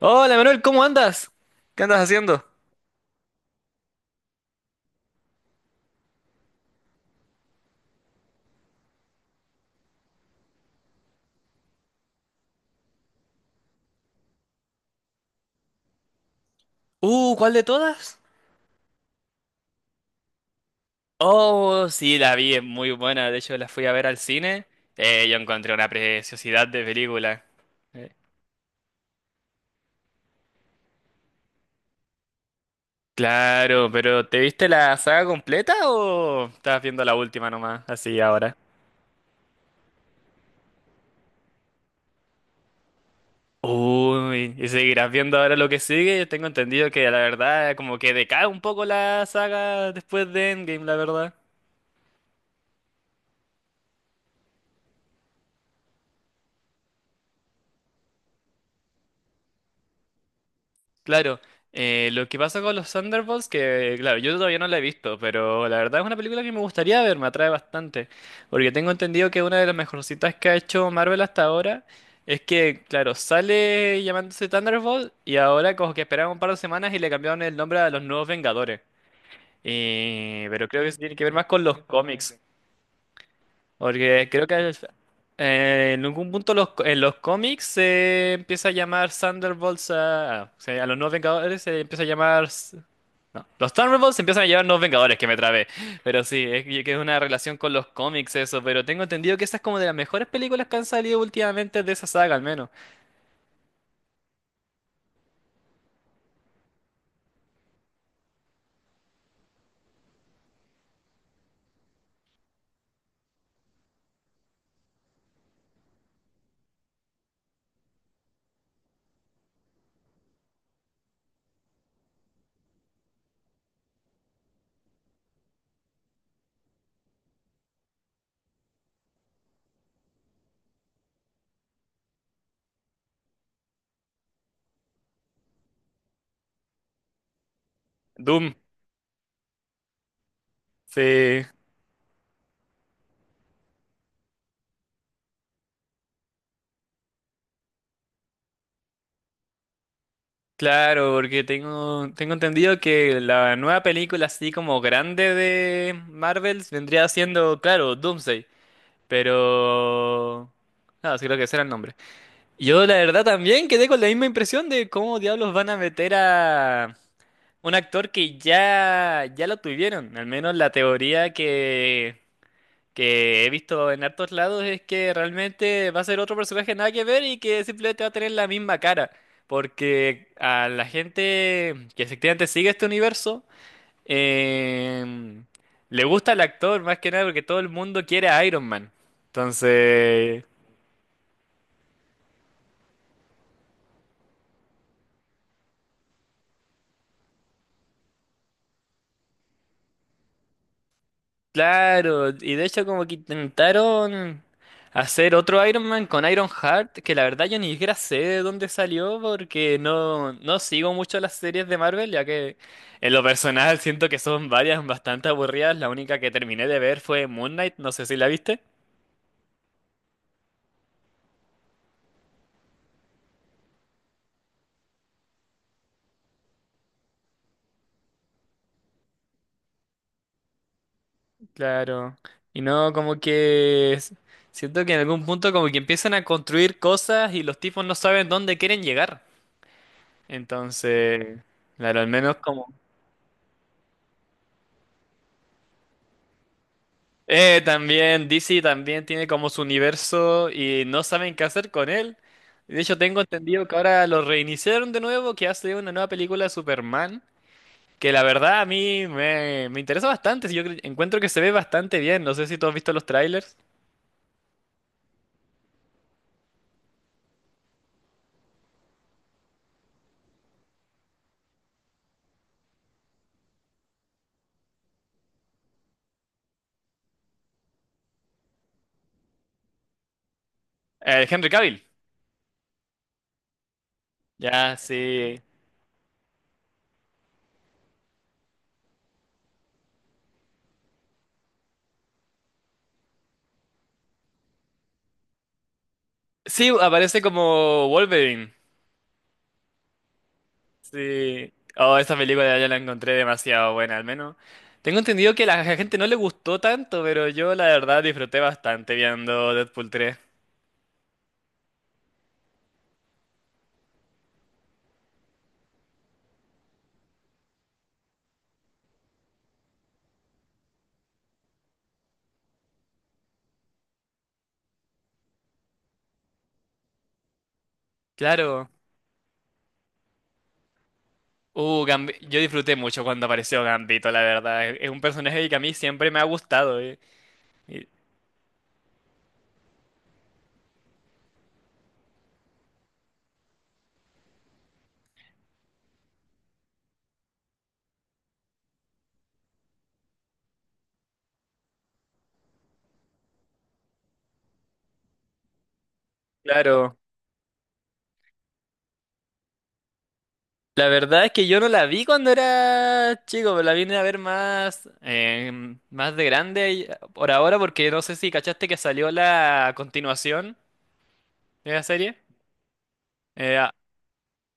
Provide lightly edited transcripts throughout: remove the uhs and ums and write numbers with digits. Hola Manuel, ¿cómo andas? ¿Qué andas haciendo? ¿Cuál de todas? Oh, sí, la vi, es muy buena. De hecho, la fui a ver al cine. Yo encontré una preciosidad de película. Eh, Claro, pero ¿te viste la saga completa o estabas viendo la última nomás, así ahora? Uy, ¿y seguirás viendo ahora lo que sigue? Yo tengo entendido que la verdad como que decae un poco la saga después de Endgame, la verdad. Claro, lo que pasa con los Thunderbolts, que claro, yo todavía no la he visto, pero la verdad es una película que me gustaría ver, me atrae bastante, porque tengo entendido que una de las mejorcitas que ha hecho Marvel hasta ahora es que, claro, sale llamándose Thunderbolt y ahora como que esperaron un par de semanas y le cambiaron el nombre a los Nuevos Vengadores. Pero creo que eso tiene que ver más con los cómics. Porque creo que es- en algún punto en los cómics se empieza a llamar Thunderbolts o sea, a los nuevos Vengadores se empieza a llamar... No, los Thunderbolts se empiezan a llamar nuevos Vengadores, que me trabé. Pero sí, es que es una relación con los cómics eso, pero tengo entendido que esa es como de las mejores películas que han salido últimamente de esa saga al menos. Doom. Sí. Claro, porque tengo entendido que la nueva película así como grande de Marvel vendría siendo, claro, Doomsday. Pero... nada, sí creo que ese era el nombre. Yo la verdad también quedé con la misma impresión de cómo diablos van a meter a un actor que ya lo tuvieron. Al menos la teoría que he visto en hartos lados es que realmente va a ser otro personaje nada que ver y que simplemente va a tener la misma cara. Porque a la gente que efectivamente sigue este universo, em, le gusta el actor más que nada porque todo el mundo quiere a Iron Man. Entonces, claro, y de hecho como que intentaron hacer otro Iron Man con Iron Heart, que la verdad yo ni siquiera sé de dónde salió porque no sigo mucho las series de Marvel, ya que en lo personal siento que son varias bastante aburridas, la única que terminé de ver fue Moon Knight, no sé si la viste. Claro, y no como siento que en algún punto como que empiezan a construir cosas y los tipos no saben dónde quieren llegar. Entonces, claro, al menos como... también, DC también tiene como su universo y no saben qué hacer con él. De hecho, tengo entendido que ahora lo reiniciaron de nuevo, que hace una nueva película de Superman, que la verdad a mí me interesa bastante. Encuentro que se ve bastante bien. No sé si tú has visto los trailers. Henry Cavill. Ya, sí. Sí, aparece como Wolverine. Sí. Oh, esa película yo la encontré demasiado buena, al menos. Tengo entendido que a la gente no le gustó tanto, pero yo la verdad disfruté bastante viendo Deadpool 3. Claro. Yo disfruté mucho cuando apareció Gambito, la verdad. Es un personaje que a mí siempre me ha gustado. Y- claro. La verdad es que yo no la vi cuando era chico, pero la vine a ver más, más de grande. Por ahora, porque no sé si cachaste que salió la continuación de la serie.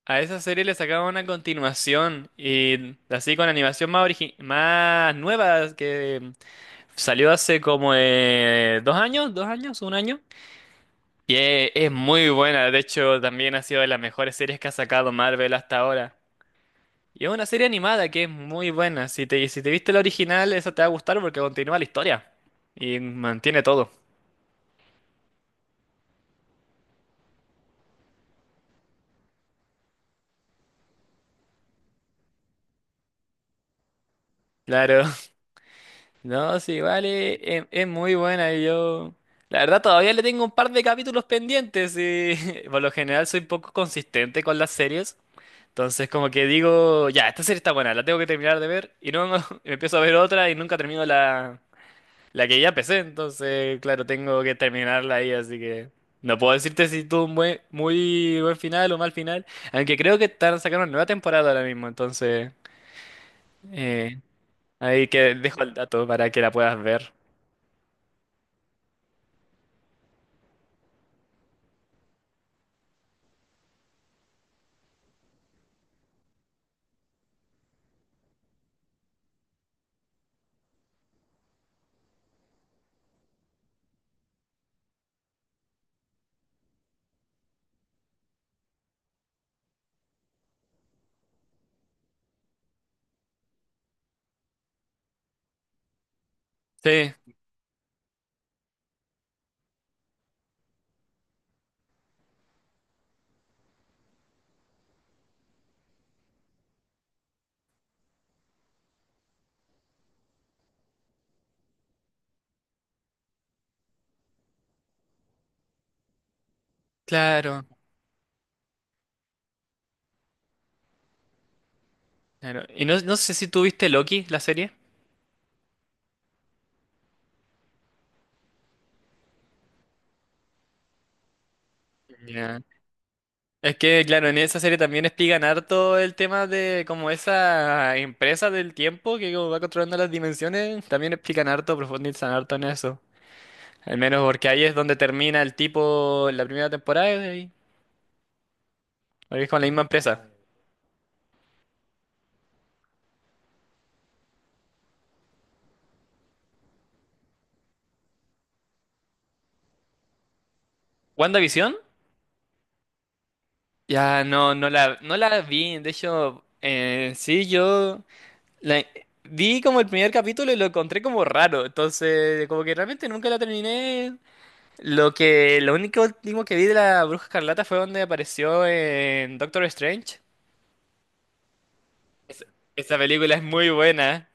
A esa serie le sacaban una continuación y así con animación más nueva que salió hace como un año. Y es muy buena, de hecho también ha sido de las mejores series que ha sacado Marvel hasta ahora. Y es una serie animada que es muy buena. Si te viste la original, esa te va a gustar porque continúa la historia y mantiene todo. Claro. No, sí, vale, es muy buena y yo... La verdad todavía le tengo un par de capítulos pendientes y por lo general soy poco consistente con las series. Entonces como que digo, ya, esta serie está buena, la tengo que terminar de ver y no, me empiezo a ver otra y nunca termino la que ya empecé. Entonces, claro, tengo que terminarla ahí, así que no puedo decirte si tuvo un buen, muy buen final o mal final, aunque creo que están sacando una nueva temporada ahora mismo, entonces eh, ahí que dejo el dato para que la puedas ver. Sí. Claro, claro. Y no, no sé si tú viste Loki, la serie. Ya. Es que, claro, en esa serie también explican harto el tema de como esa empresa del tiempo que como va controlando las dimensiones. También explican harto, profundizan harto en eso. Al menos porque ahí es donde termina el tipo en la primera temporada y ahí es con la misma empresa. ¿WandaVision? Ya no, no la vi. De hecho, sí, yo. La- vi como el primer capítulo y lo encontré como raro, entonces como que realmente nunca la terminé. Lo único último que vi de la Bruja Escarlata fue donde apareció en Doctor Strange. Es- esa película es muy buena,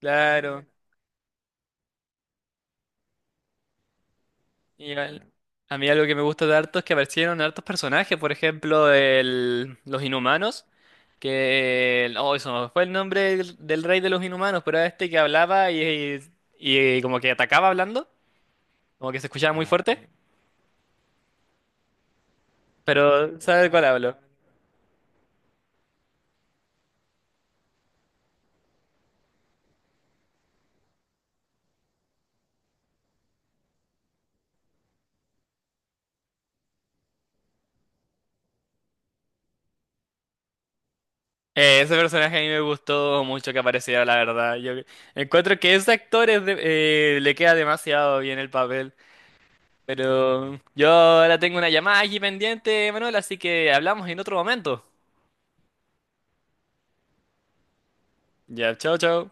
claro. Ah, claro. A mí algo que me gusta de harto es que aparecieron hartos personajes, por ejemplo, los Inhumanos, oh, eso no fue el nombre del, del rey de los Inhumanos, pero era este que hablaba y como que atacaba hablando, como que se escuchaba muy Ah, fuerte. Pero, ¿sabes de cuál hablo? Ese personaje a mí me gustó mucho que apareciera, la verdad. Yo encuentro que ese actor le queda demasiado bien el papel. Pero yo ahora tengo una llamada aquí pendiente, Manuel, así que hablamos en otro momento. Ya, chao, chao.